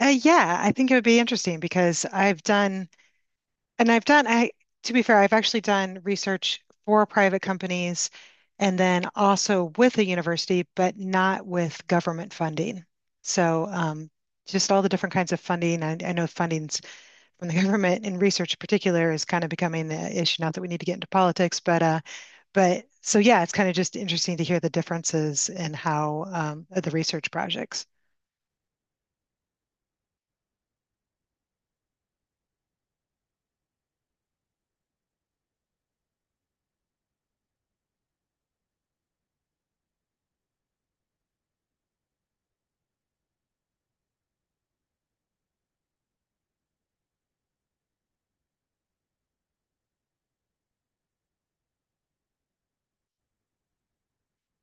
Yeah, I think it would be interesting because I've done, and I've done, I, to be fair, I've actually done research for private companies and then also with a university, but not with government funding. So, just all the different kinds of funding. I know funding's from the government in research in particular is kind of becoming the issue. Not that we need to get into politics, but so yeah, it's kind of just interesting to hear the differences in how, the research projects.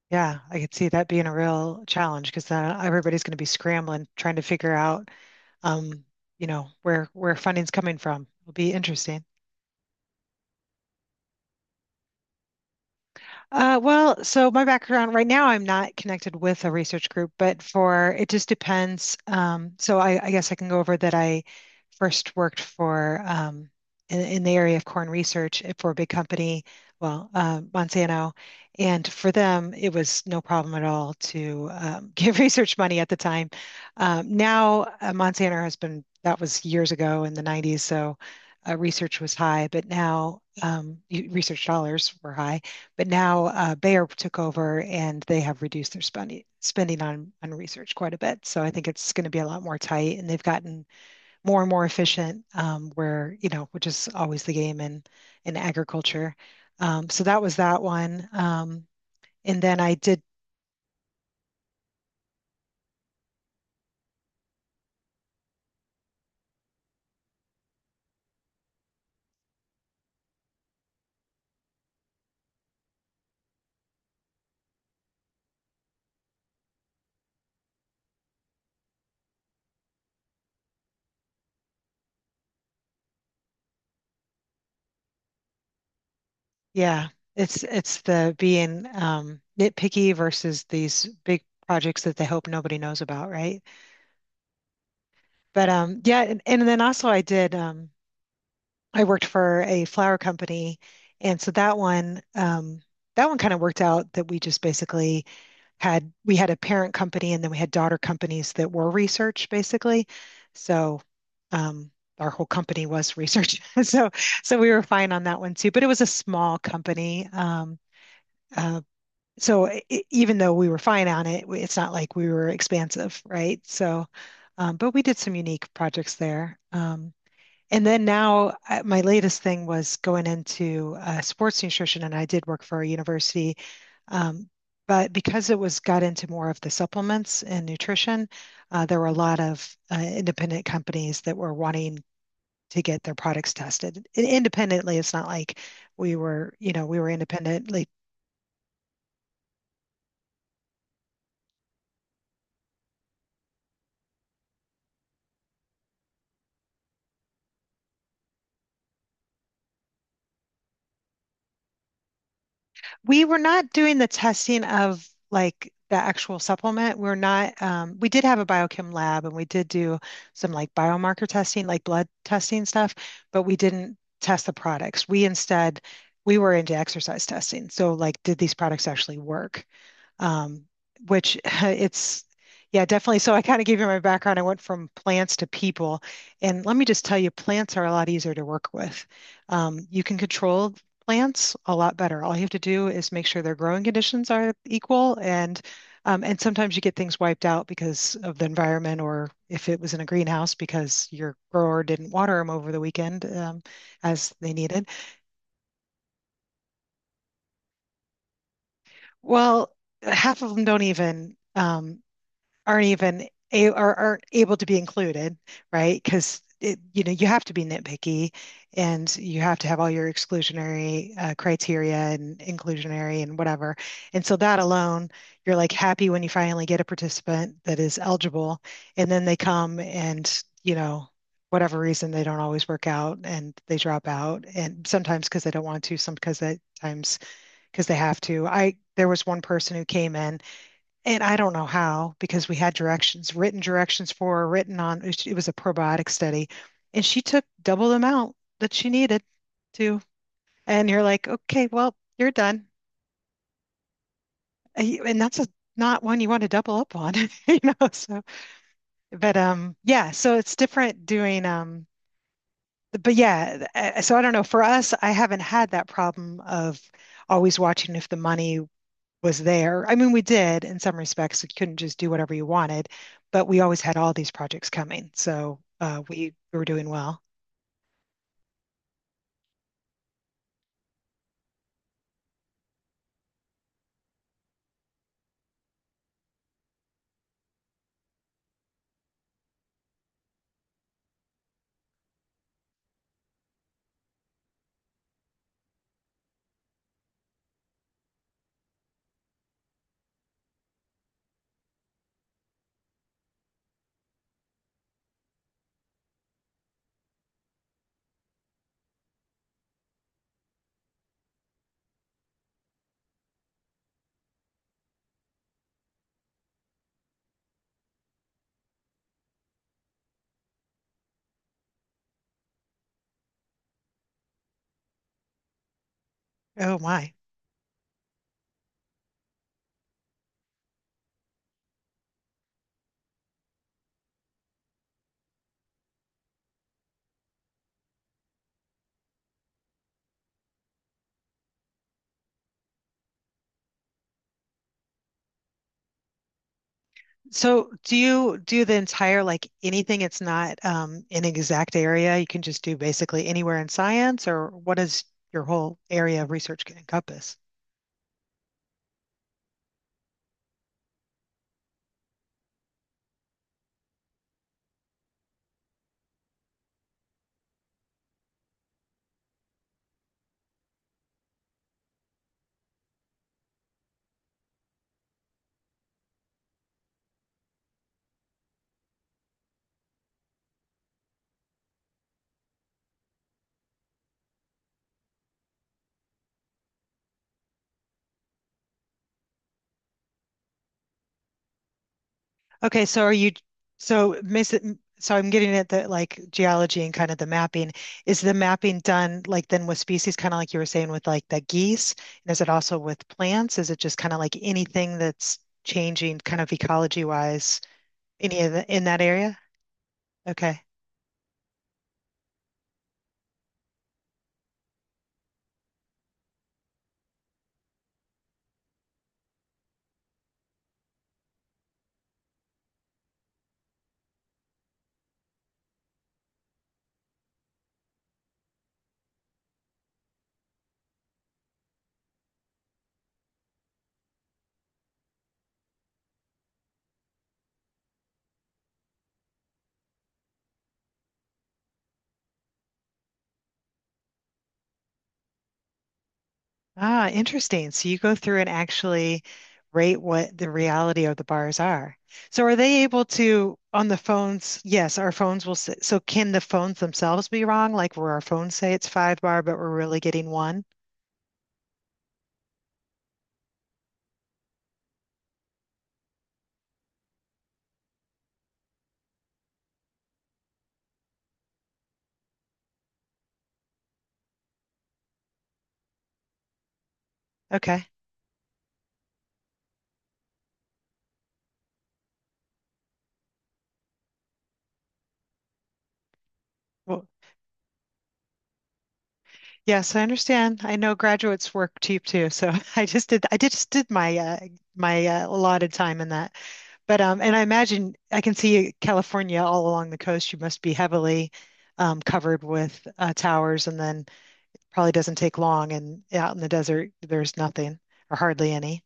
Yeah, I could see that being a real challenge because everybody's going to be scrambling trying to figure out, um, where funding's coming from. It'll be interesting. So, my background right now, I'm not connected with a research group, but for it just depends. I guess I can go over that I first worked for in the area of corn research for a big company, Monsanto, and for them, it was no problem at all to give research money at the time. Monsanto has been that was years ago in the 90s, so research was high, but now research dollars were high. But now Bayer took over and they have reduced their spending on research quite a bit. So I think it's going to be a lot more tight, and they've gotten more and more efficient. Where you know, which is always the game in agriculture. So that was that one. And then I did, yeah, it's the being nitpicky versus these big projects that they hope nobody knows about, right? But yeah, and then also I did I worked for a flower company, and so that one kind of worked out that we just basically had we had a parent company and then we had daughter companies that were research basically. So, um, our whole company was research. So, so we were fine on that one too. But it was a small company. Uh, Even though we were fine on it, we- it's not like we were expansive, right? So, but we did some unique projects there. And then now, my latest thing was going into sports nutrition, and I did work for a university. Um, but because it was got into more of the supplements and nutrition, there were a lot of independent companies that were wanting to get their products tested independently. It's not like we were, you know, we were independently we were not doing the testing of like the actual supplement. We're not, we did have a biochem lab and we did do some like biomarker testing, like blood testing stuff, but we didn't test the products. We were into exercise testing. So, like, did these products actually work? Um, which it's yeah, definitely. So I kind of gave you my background. I went from plants to people. And let me just tell you, plants are a lot easier to work with. You can control plants a lot better. All you have to do is make sure their growing conditions are equal and sometimes you get things wiped out because of the environment or if it was in a greenhouse because your grower didn't water them over the weekend as they needed. Well, half of them don't even aren't even a, or aren't able to be included, right? Because it, you know, you have to be nitpicky and you have to have all your exclusionary criteria and inclusionary and whatever. And so that alone, you're like happy when you finally get a participant that is eligible, and then they come and, you know, whatever reason they don't always work out and they drop out and sometimes because they don't want to, some because they times because they have to. I There was one person who came in and I don't know how, because we had directions, written directions for her, written on, it was a probiotic study. And she took double the amount that she needed to. And you're like, okay, well, you're done. And that's a, not one you want to double up on, you know? So, but yeah, so it's different doing, but yeah, so I don't know. For us, I haven't had that problem of always watching if the money was there. I mean, we did in some respects. We couldn't just do whatever you wanted, but we always had all these projects coming. So we were doing well. Oh my. So do you do the entire like anything it's not an exact area? You can just do basically anywhere in science, or what does your whole area of research encompass? Okay, so are you so miss it, so I'm getting at the like geology and kind of the mapping. Is the mapping done like then with species, kind of like you were saying with like the geese? And is it also with plants? Is it just kind of like anything that's changing kind of ecology wise, any of the, in that area? Okay. Ah, interesting. So you go through and actually rate what the reality of the bars are. So are they able to on the phones? Yes, our phones will s so can the phones themselves be wrong? Like where our phones say it's five bar, but we're really getting one? Okay. Well, yes, I understand. I know graduates work cheap too, so I just did. I did- just did my allotted time in that. But and I imagine I can see California all along the coast. You must be heavily covered with towers and then probably doesn't take long. And out in the desert, there's nothing or hardly any.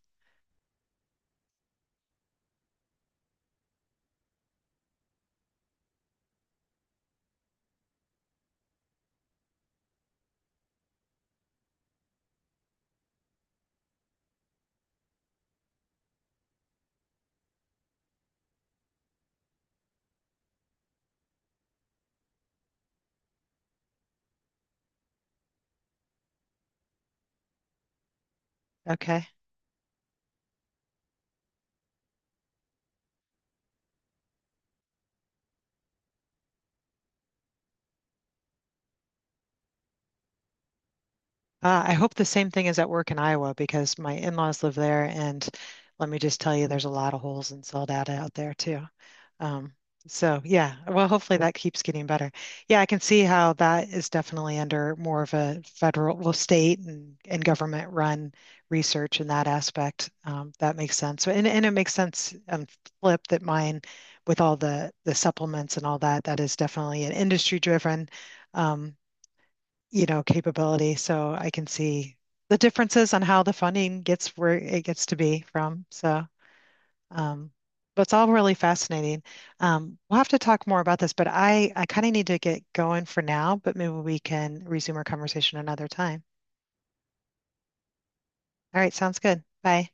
Okay. I hope the same thing is at work in Iowa because my in-laws live there, and let me just tell you, there's a lot of holes in cell data out there too. Um, so yeah, well, hopefully that keeps getting better. Yeah, I can see how that is definitely under more of a federal, well, state and government run research in that aspect. That makes sense. And it makes sense flip that mine with all the supplements and all that, that is definitely an industry driven. Um, you know, capability. So I can see the differences on how the funding gets where it gets to be from. So, um, but it's all really fascinating. We'll have to talk more about this, but I kind of need to get going for now, but maybe we can resume our conversation another time. All right, sounds good. Bye.